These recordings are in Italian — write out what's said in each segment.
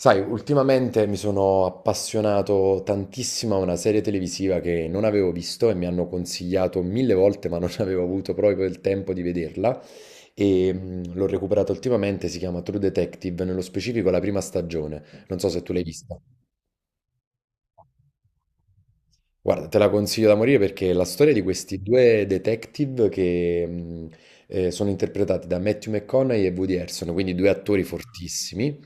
Sai, ultimamente mi sono appassionato tantissimo a una serie televisiva che non avevo visto e mi hanno consigliato mille volte, ma non avevo avuto proprio il tempo di vederla. E l'ho recuperata ultimamente, si chiama True Detective, nello specifico la prima stagione. Non so se tu l'hai vista. Guarda, te la consiglio da morire perché è la storia di questi due detective che sono interpretati da Matthew McConaughey e Woody Harrelson, quindi due attori fortissimi,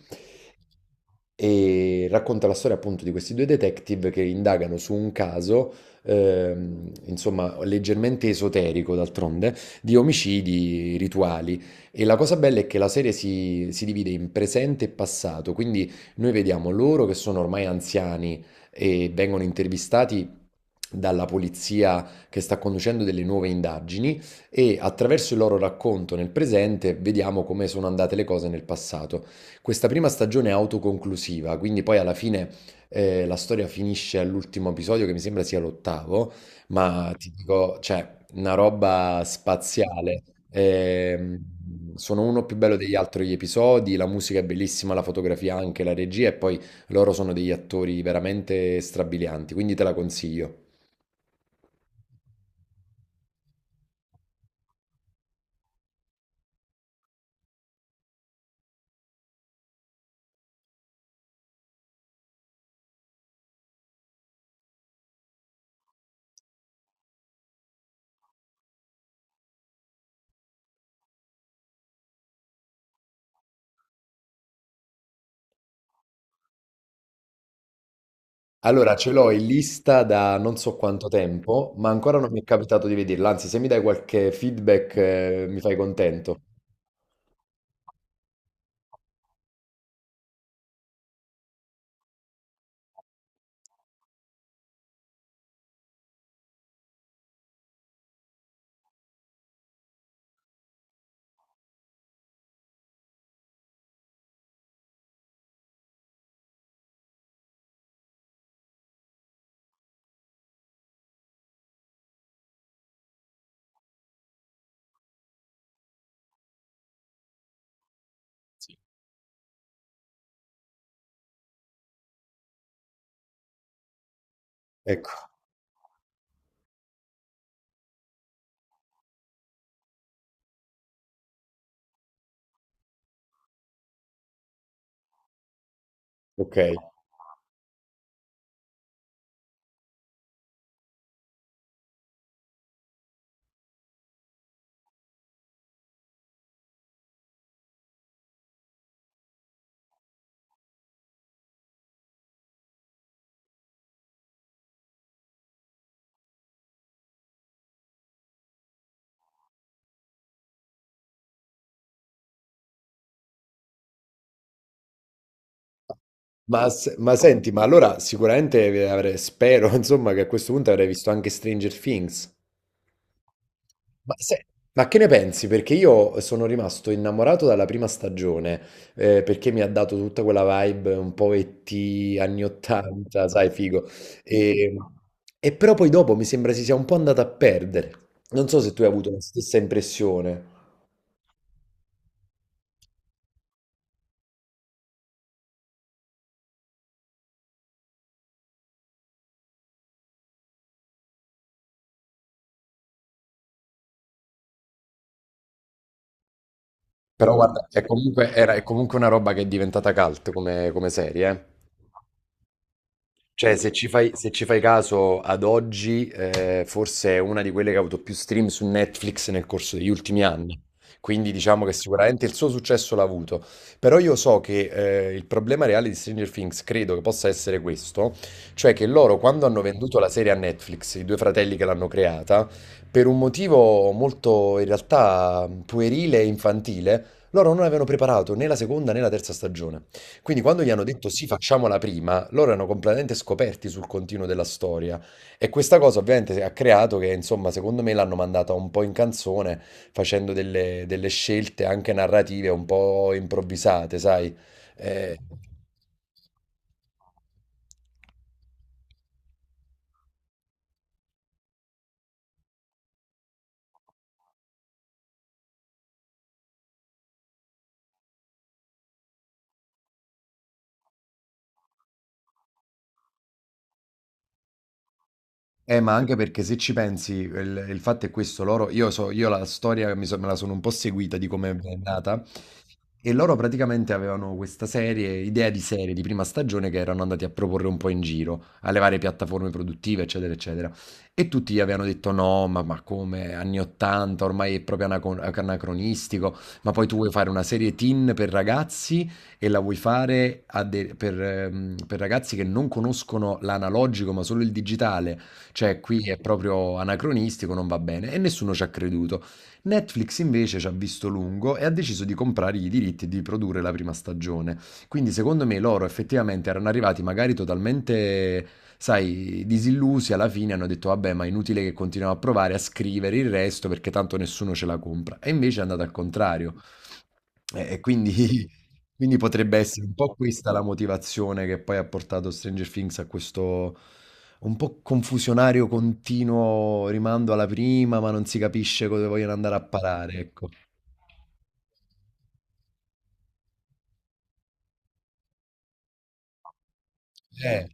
e racconta la storia appunto di questi due detective che indagano su un caso, insomma, leggermente esoterico d'altronde, di omicidi rituali. E la cosa bella è che la serie si divide in presente e passato, quindi noi vediamo loro che sono ormai anziani e vengono intervistati dalla polizia che sta conducendo delle nuove indagini e attraverso il loro racconto nel presente vediamo come sono andate le cose nel passato. Questa prima stagione è autoconclusiva, quindi poi alla fine la storia finisce all'ultimo episodio che mi sembra sia l'ottavo, ma ti dico, cioè, una roba spaziale. Ehm, Sono uno più bello degli altri gli episodi, la musica è bellissima, la fotografia anche, la regia e poi loro sono degli attori veramente strabilianti, quindi te la consiglio. Allora, ce l'ho in lista da non so quanto tempo, ma ancora non mi è capitato di vederla. Anzi, se mi dai qualche feedback, mi fai contento. Ecco, ok. Ma, se- ma senti, ma allora sicuramente spero, insomma, che a questo punto avrei visto anche Stranger Things. Ma, se- ma che ne pensi? Perché io sono rimasto innamorato dalla prima stagione, perché mi ha dato tutta quella vibe un po' ET, anni 80, sai, figo. E, e però poi dopo mi sembra si sia un po' andata a perdere. Non so se tu hai avuto la stessa impressione. Però guarda, è comunque una roba che è diventata cult come serie, eh. Cioè, se ci fai caso ad oggi, forse è una di quelle che ha avuto più stream su Netflix nel corso degli ultimi anni. Quindi diciamo che sicuramente il suo successo l'ha avuto. Però io so che il problema reale di Stranger Things credo che possa essere questo, cioè che loro quando hanno venduto la serie a Netflix, i due fratelli che l'hanno creata, per un motivo molto in realtà puerile e infantile, loro non avevano preparato né la seconda né la terza stagione. Quindi quando gli hanno detto sì, facciamola prima, loro erano completamente scoperti sul continuo della storia. E questa cosa ovviamente ha creato che, insomma, secondo me l'hanno mandata un po' in canzone, facendo delle scelte anche narrative un po' improvvisate, sai? Eh, ma anche perché se ci pensi, il fatto è questo, loro, io la storia mi me la sono un po' seguita di come è nata, e loro praticamente avevano questa serie, idea di serie di prima stagione che erano andati a proporre un po' in giro, alle varie piattaforme produttive, eccetera, eccetera, e tutti gli avevano detto no, ma come, anni 80, ormai è proprio anacronistico, ma poi tu vuoi fare una serie teen per ragazzi e la vuoi fare a per ragazzi che non conoscono l'analogico ma solo il digitale, cioè, qui è proprio anacronistico, non va bene. E nessuno ci ha creduto. Netflix invece ci ha visto lungo e ha deciso di comprare i diritti e di produrre la prima stagione. Quindi, secondo me, loro effettivamente erano arrivati magari totalmente, sai, disillusi alla fine, hanno detto, vabbè, ma è inutile che continuiamo a provare a scrivere il resto perché tanto nessuno ce la compra. E invece è andato al contrario. E quindi, quindi potrebbe essere un po' questa la motivazione che poi ha portato Stranger Things a questo un po' confusionario, continuo rimando alla prima, ma non si capisce dove vogliono andare a parare, ecco. Eh,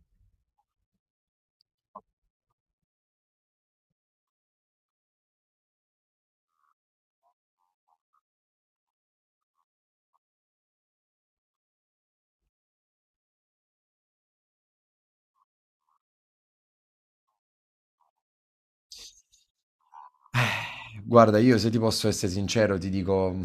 guarda, io se ti posso essere sincero, ti dico mm,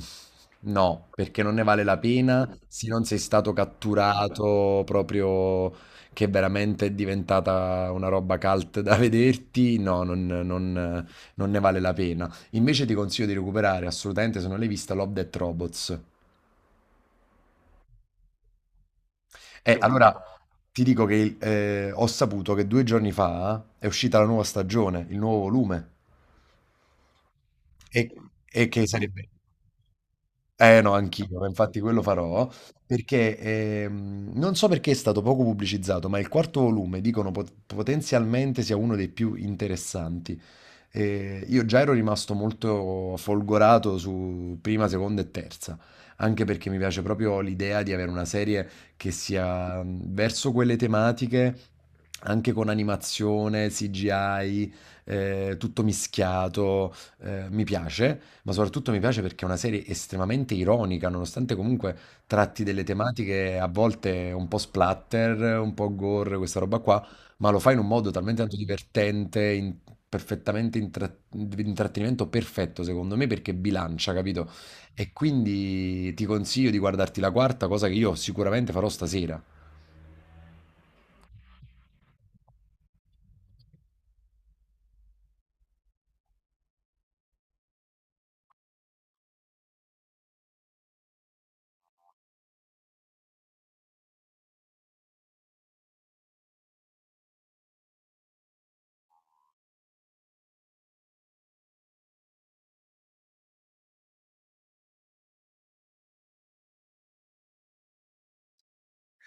no, perché non ne vale la pena se non sei stato catturato proprio che veramente è diventata una roba cult da vederti, non- non ne vale la pena. Invece ti consiglio di recuperare assolutamente, se non l'hai vista, Love Death Robots. E allora ti dico che ho saputo che due giorni fa è uscita la nuova stagione, il nuovo volume. E e che sarebbe Eh no, anch'io, ma infatti quello farò, perché non so perché è stato poco pubblicizzato, ma il quarto volume dicono potenzialmente sia uno dei più interessanti. E io già ero rimasto molto folgorato su prima, seconda e terza, anche perché mi piace proprio l'idea di avere una serie che sia verso quelle tematiche, anche con animazione, CGI, tutto mischiato mi piace, ma soprattutto mi piace perché è una serie estremamente ironica, nonostante comunque tratti delle tematiche a volte un po' splatter, un po' gore, questa roba qua, ma lo fa in un modo talmente tanto divertente, perfettamente intrattenimento perfetto secondo me perché bilancia, capito? E quindi ti consiglio di guardarti la quarta, cosa che io sicuramente farò stasera.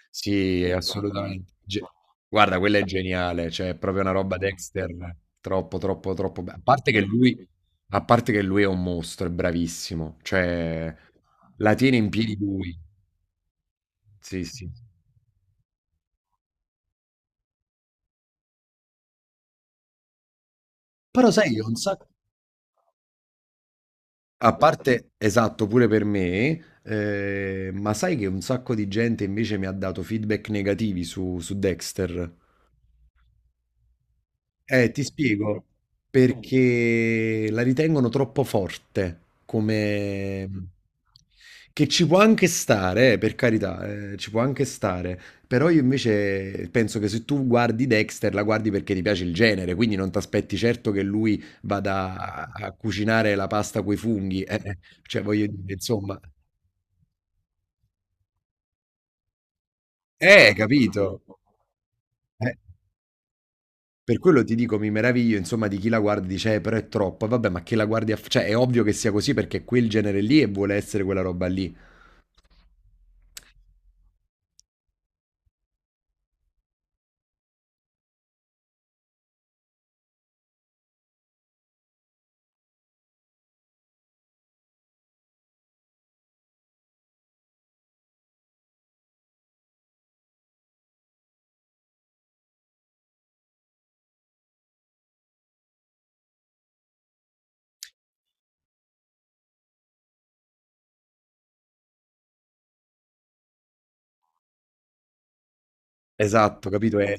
Sì, quindi assolutamente. Guarda, quella è geniale, cioè è proprio una roba Dexter, a parte che lui, a parte che lui è un mostro, è bravissimo, cioè la tiene in piedi lui. Sì, sì. Però sai che un sacco... A parte, esatto, pure per me, ma sai che un sacco di gente invece mi ha dato feedback negativi su Dexter? Ti spiego, perché la ritengono troppo forte, come... che ci può anche stare, per carità, ci può anche stare, però io invece penso che se tu guardi Dexter, la guardi perché ti piace il genere, quindi non ti aspetti certo che lui vada a cucinare la pasta coi funghi, cioè voglio dire, insomma... capito? Eh. Per quello ti dico, mi meraviglio, insomma, di chi la guarda e dice, però è troppo. E vabbè, ma che la guardi cioè, è ovvio che sia così perché è quel genere lì e vuole essere quella roba lì. Esatto, capito?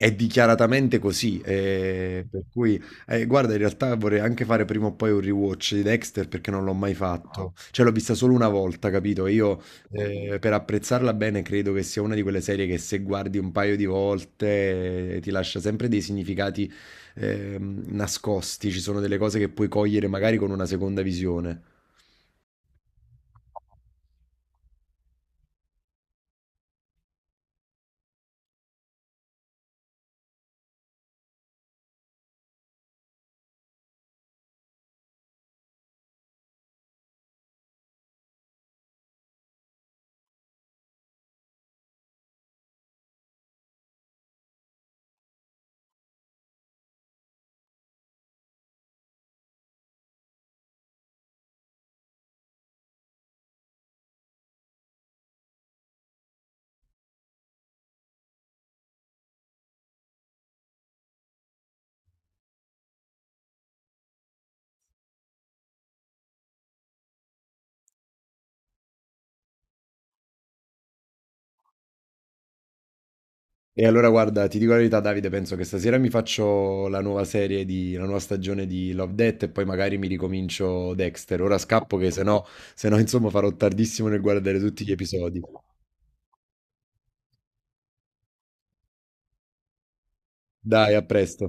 È dichiaratamente così, per cui guarda in realtà vorrei anche fare prima o poi un rewatch di Dexter perché non l'ho mai fatto. Cioè l'ho vista solo una volta, capito? Io per apprezzarla bene credo che sia una di quelle serie che se guardi un paio di volte ti lascia sempre dei significati nascosti, ci sono delle cose che puoi cogliere magari con una seconda visione. E allora guarda, ti dico la verità, Davide, penso che stasera mi faccio la nuova serie di, la nuova stagione di Love, Death e poi magari mi ricomincio Dexter. Ora scappo che se no, se no, insomma farò tardissimo nel guardare tutti gli episodi. Dai, a presto.